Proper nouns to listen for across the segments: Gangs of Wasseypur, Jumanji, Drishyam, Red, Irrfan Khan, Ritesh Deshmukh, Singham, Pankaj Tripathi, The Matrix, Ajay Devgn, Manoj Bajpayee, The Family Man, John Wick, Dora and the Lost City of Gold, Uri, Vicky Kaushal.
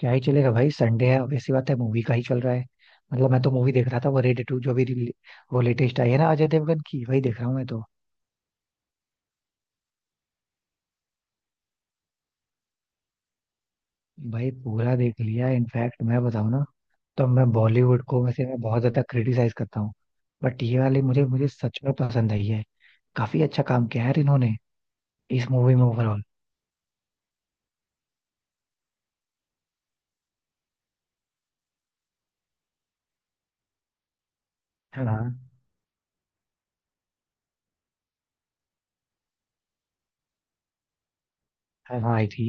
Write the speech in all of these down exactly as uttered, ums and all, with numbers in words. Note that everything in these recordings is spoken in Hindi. क्या ही चलेगा भाई, संडे है। Obvious सी बात है, मूवी का ही चल रहा है। मतलब मैं तो मूवी देख रहा था। वो रेड टू जो भी रिली- वो लेटेस्ट आई है ना, अजय देवगन की, वही देख रहा हूँ मैं तो। भाई पूरा देख लिया। इनफैक्ट मैं बताऊँ ना, तो मैं बॉलीवुड को वैसे मैं बहुत ज्यादा क्रिटिसाइज करता हूँ, बट ये वाली मुझे मुझे सच में पसंद आई है। काफी अच्छा काम किया है यार इन्होंने इस मूवी में ओवरऑल। है ना। है ना आई थी।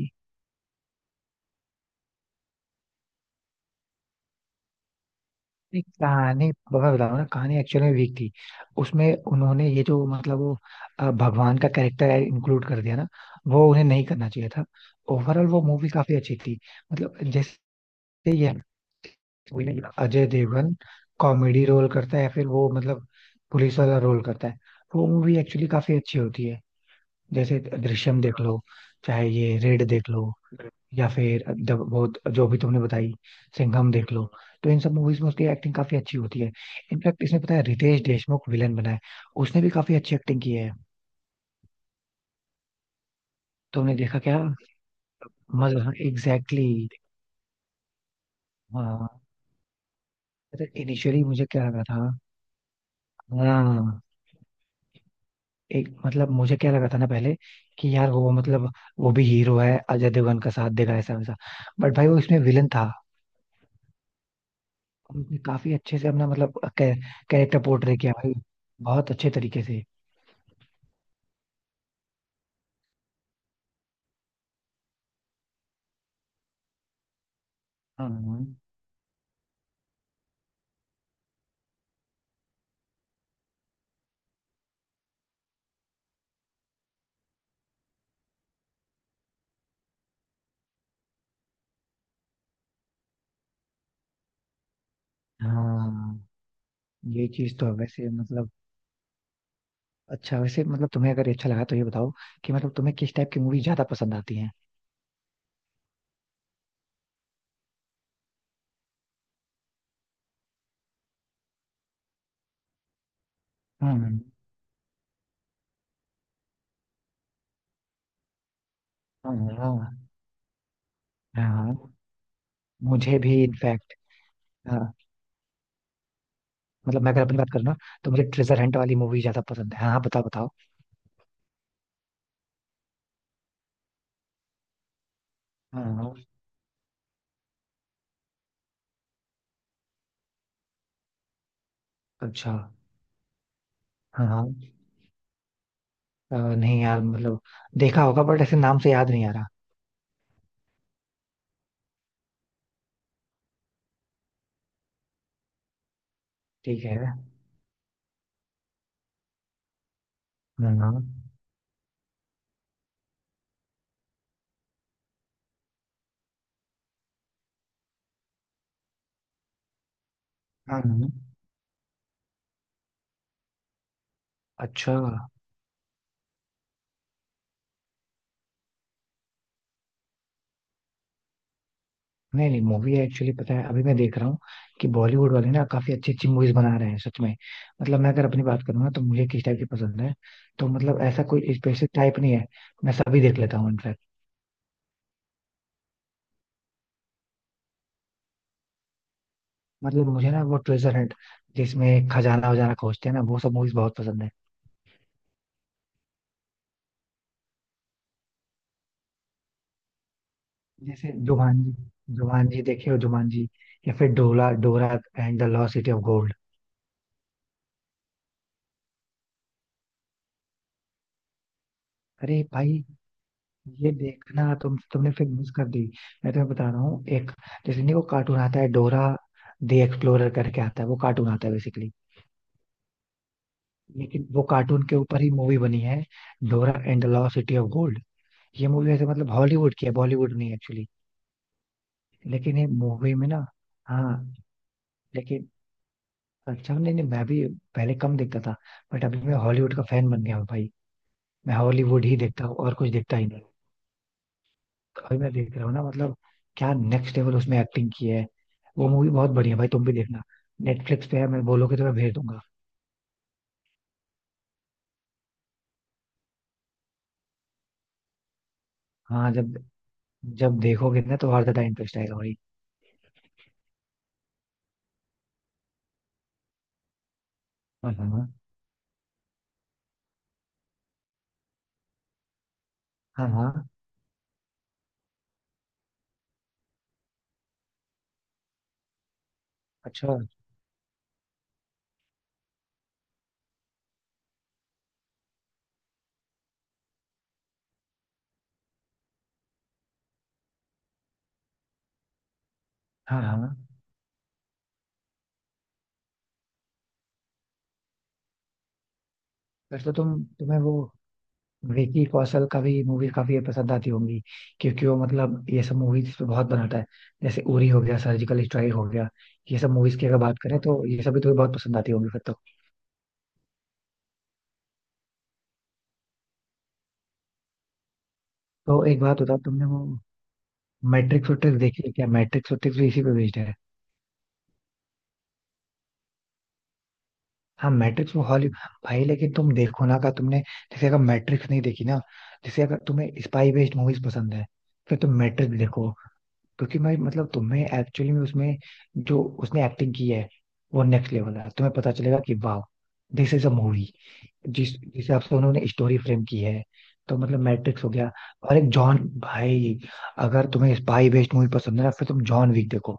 नहीं, कहानी मैं बता रहा हूँ ना, कहानी एक्चुअल में वीक थी उसमें। उन्होंने ये जो मतलब वो अ, भगवान का कैरेक्टर इंक्लूड कर दिया ना, वो उन्हें नहीं करना चाहिए था। ओवरऑल वो मूवी काफी अच्छी थी। मतलब जैसे ये अजय देवगन कॉमेडी रोल करता है, या फिर वो मतलब पुलिस वाला रोल करता है, वो मूवी एक्चुअली काफी अच्छी होती है। जैसे दृश्यम देख लो, चाहे ये रेड देख लो, या फिर जब बहुत जो भी तुमने बताई, सिंघम देख लो, तो इन सब मूवीज में उसकी एक्टिंग काफी अच्छी होती है। इनफैक्ट इसमें पता है रितेश देशमुख विलन बना है, उसने भी काफी अच्छी एक्टिंग की है। तुमने देखा क्या? मजा, हाँ एग्जैक्टली। हाँ, पता है इनिशियली मुझे क्या लगा था। हाँ, एक मतलब मुझे क्या लगा था ना पहले, कि यार वो मतलब वो भी हीरो है, अजय देवगन का साथ देगा ऐसा वैसा, बट भाई वो इसमें विलन था। उनने काफी अच्छे से अपना मतलब कैरेक्टर पोर्ट्रे किया भाई, बहुत अच्छे तरीके से। हाँ हाँ, ये चीज तो है वैसे। मतलब अच्छा, वैसे मतलब तुम्हें अगर ये अच्छा लगा तो ये बताओ कि मतलब तुम्हें किस टाइप की मूवी ज्यादा पसंद आती है। हाँ हाँ। हाँ हाँ। हाँ, मुझे भी इनफैक्ट। हाँ, मतलब मैं अगर अपनी बात करूँ ना, तो मुझे ट्रेजर हंट वाली मूवी ज्यादा पसंद है। हाँ हाँ, बताओ बताओ। हाँ। अच्छा। हाँ हाँ। अ, नहीं यार, मतलब देखा होगा बट ऐसे नाम से याद नहीं आ रहा। ठीक है। हाँ हाँ। हाँ। अच्छा नहीं नहीं, मूवी एक्चुअली पता है अभी मैं देख रहा हूँ कि बॉलीवुड वाले ना काफी अच्छी अच्छी मूवीज बना रहे हैं सच में। मतलब मैं अगर अपनी बात करूँ ना तो मुझे किस टाइप की पसंद है, तो मतलब ऐसा कोई स्पेसिफिक टाइप नहीं है, मैं सभी देख लेता हूँ इनफैक्ट। मतलब मुझे ना वो ट्रेजर हंट जिसमें खजाना वजाना खोजते हैं ना, वो सब मूवीज बहुत पसंद है। जैसे जुमानजी, जुमानजी देखे हो? जुमानजी या फिर डोला, Dora and the lost city of gold. अरे भाई ये देखना, तुम तुमने फिर मिस कर दी। मैं तुम्हें बता रहा हूँ एक, जैसे नहीं वो कार्टून आता है, डोरा दी एक्सप्लोरर करके आता है वो कार्टून, आता है बेसिकली। लेकिन वो कार्टून के ऊपर ही मूवी बनी है, Dora and the lost city of gold. ये मूवी ऐसे मतलब हॉलीवुड की है, बॉलीवुड नहीं एक्चुअली। लेकिन ये मूवी में ना, हाँ लेकिन अच्छा, नहीं नहीं मैं भी पहले कम देखता था, बट अभी मैं हॉलीवुड का फैन बन गया हूँ भाई। मैं हॉलीवुड ही देखता हूँ, और कुछ देखता ही नहीं। अभी मैं देख रहा हूँ ना, मतलब क्या नेक्स्ट लेवल उसमें एक्टिंग की है, वो मूवी बहुत बढ़िया है भाई, तुम भी देखना। नेटफ्लिक्स पे है, मैं बोलोगे तो मैं भेज दूंगा। हाँ, जब जब देखोगे ना, तो और ज्यादा इंटरेस्ट आएगा भाई। हाँ हाँ। हाँ हाँ। अच्छा। हाँ हाँ। फिर तो तुम, तुम्हें वो विकी कौशल का भी मूवी काफी पसंद आती होंगी, क्योंकि वो मतलब ये सब मूवीज पे बहुत बनाता है, जैसे उरी हो गया, सर्जिकल स्ट्राइक हो गया, ये सब मूवीज की अगर बात करें, तो ये सभी तुम्हें बहुत पसंद आती होंगी फिर तो। तो एक बात बताओ, तुमने वो मैट्रिक्स वैट्रिक्स देखी है क्या? मैट्रिक्स वैट्रिक्स भी इसी पे बेस्ड है। हाँ मैट्रिक्स वो हॉली, भाई लेकिन तुम देखो ना का तुमने, जैसे अगर मैट्रिक्स नहीं देखी ना, जैसे अगर तुम्हें स्पाई बेस्ड मूवीज पसंद है, फिर तुम मैट्रिक्स देखो। क्योंकि मैं मतलब तुम्हें एक्चुअली में उसमें, जो उसने एक्टिंग की है वो नेक्स्ट लेवल है। तुम्हें पता चलेगा कि वाह, दिस इज अ मूवी। जिस जिस हिसाब से उन्होंने स्टोरी फ्रेम की है। तो मतलब मैट्रिक्स हो गया, और एक जॉन, भाई अगर तुम्हें स्पाई बेस्ड मूवी पसंद है ना फिर तुम जॉन विक देखो।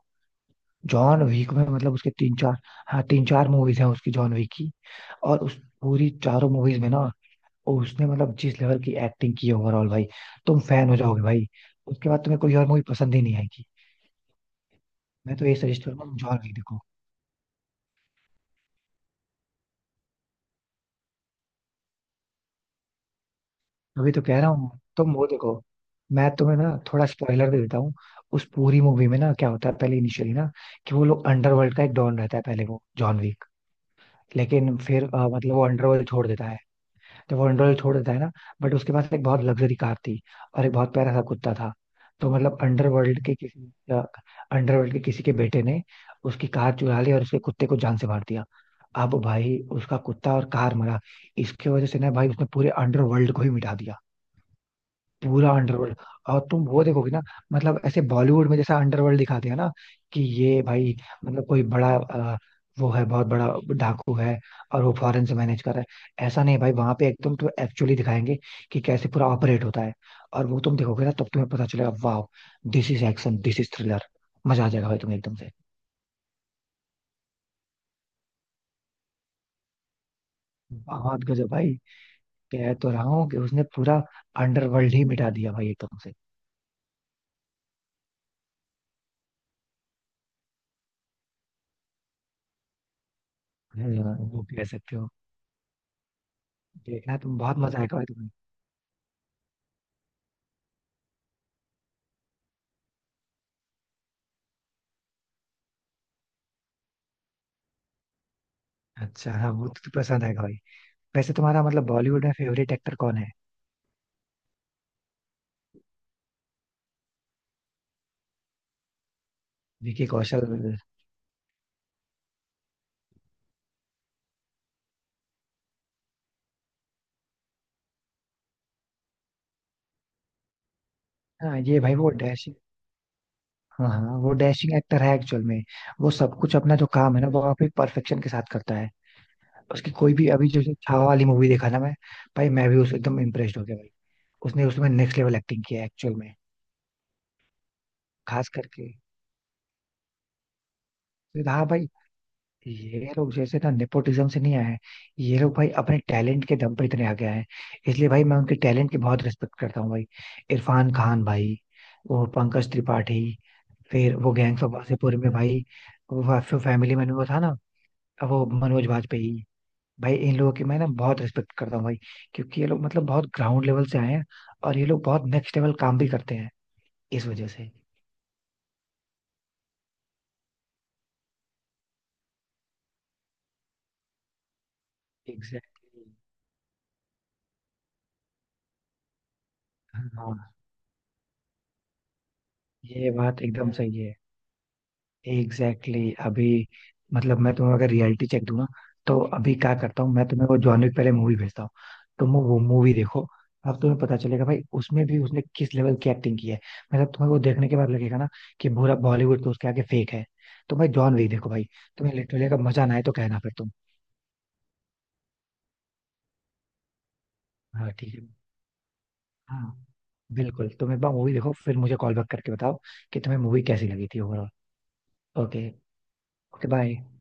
जॉन विक में मतलब उसके तीन चार, हाँ तीन चार मूवीज हैं उसकी, जॉन विक की। और उस पूरी चारों मूवीज में ना उसने मतलब जिस लेवल की एक्टिंग की है ओवरऑल भाई, तुम फैन हो जाओगे भाई। उसके बाद तुम्हें कोई और मूवी पसंद ही नहीं आएगी। मैं तो ये सजेस्ट करूंगा, तुम जॉन विक देखो। अभी तो कह रहा हूँ, तुम वो देखो। मैं तुम्हें ना थोड़ा स्पॉइलर दे देता हूँ। उस पूरी मूवी में ना क्या होता है, पहले इनिशियली ना, कि वो लोग, अंडरवर्ल्ड का एक डॉन रहता है पहले वो जॉन विक। लेकिन फिर अ, मतलब वो अंडरवर्ल्ड छोड़ देता है। जब वो अंडरवर्ल्ड छोड़ देता है ना, बट उसके पास एक बहुत लग्जरी कार थी, और एक बहुत प्यारा सा कुत्ता था। तो मतलब अंडरवर्ल्ड के किसी, अंडरवर्ल्ड के किसी के बेटे ने उसकी कार चुरा ली और उसके कुत्ते को जान से मार दिया। अब भाई उसका कुत्ता और कार मरा, इसकी वजह से ना भाई उसने पूरे अंडरवर्ल्ड को ही मिटा दिया। पूरा अंडरवर्ल्ड। और तुम वो देखोगे ना, मतलब ऐसे बॉलीवुड में जैसा अंडरवर्ल्ड दिखाते हैं ना, कि ये भाई मतलब कोई बड़ा अ, वो है बहुत बड़ा डाकू है, और वो फॉरेन से मैनेज कर रहा है, ऐसा नहीं भाई। वहां पे एकदम तो एक्चुअली दिखाएंगे कि कैसे पूरा ऑपरेट होता है। और वो तुम देखोगे ना, तब तुम्हें पता चलेगा वाह, this is action, this is thriller. मजा आ जाएगा भाई तुम्हें एकदम से। बहुत गजब भाई, कह तो रहा हूँ कि उसने पूरा अंडरवर्ल्ड ही मिटा दिया भाई एकदम से। हाँ, वो कह सकते हो। देखना तुम, बहुत मजा आएगा भाई तुम्हें। अच्छा हाँ, वो तो पसंद आएगा भाई। वैसे तुम्हारा मतलब बॉलीवुड में फेवरेट एक्टर कौन है? विकी कौशल? हाँ ये भाई वो डैश, हाँ हाँ वो डैशिंग एक्टर है एक्चुअल में। वो सब कुछ अपना जो काम है ना वो काफी परफेक्शन के साथ करता है। उसकी कोई भी, अभी जो जो छावा वाली मूवी देखा ना मैं, भाई मैं भी उस एकदम इम्प्रेस्ड हो गया भाई। उसने उसमें नेक्स्ट लेवल एक्टिंग किया है एक्चुअल में। खास करके। तो हाँ भाई, ये लोग जैसे ना नेपोटिज्म से नहीं आए हैं। ये लोग भाई अपने टैलेंट के दम पे इतने आगे आए हैं, इसलिए भाई मैं उनके टैलेंट की बहुत रिस्पेक्ट करता हूँ भाई। इरफान खान भाई, वो पंकज त्रिपाठी, फिर वो गैंग्स ऑफ वासेपुर में भाई, वो फैमिली मैन में वो था ना, वो मनोज वाजपेयी। भाई इन लोगों की मैं ना बहुत रिस्पेक्ट करता हूँ भाई, क्योंकि ये लोग मतलब बहुत ग्राउंड लेवल से आए हैं, और ये लोग बहुत नेक्स्ट लेवल काम भी करते हैं इस वजह से। Exactly exactly। हाँ ये बात एकदम सही है। एग्जैक्टली exactly, अभी मतलब मैं तुम्हें अगर रियलिटी चेक दूं ना, तो अभी क्या करता हूँ, मैं तुम्हें वो जॉन विक पहले मूवी भेजता हूँ, तुम वो मूवी देखो। अब तुम्हें पता चलेगा भाई उसमें भी उसने किस लेवल की एक्टिंग की है। मतलब तुम्हें वो देखने के बाद लगेगा ना, कि पूरा बॉलीवुड तो उसके आगे फेक है। तो भाई जॉन विक देखो भाई। तुम्हें लिटरली अगर मजा ना आए तो कहना फिर तुम। हाँ ठीक है। हाँ बिल्कुल, तुम एक बार मूवी देखो, फिर मुझे कॉल बैक करके बताओ कि तुम्हें मूवी कैसी लगी थी ओवरऑल। ओके। Okay bye.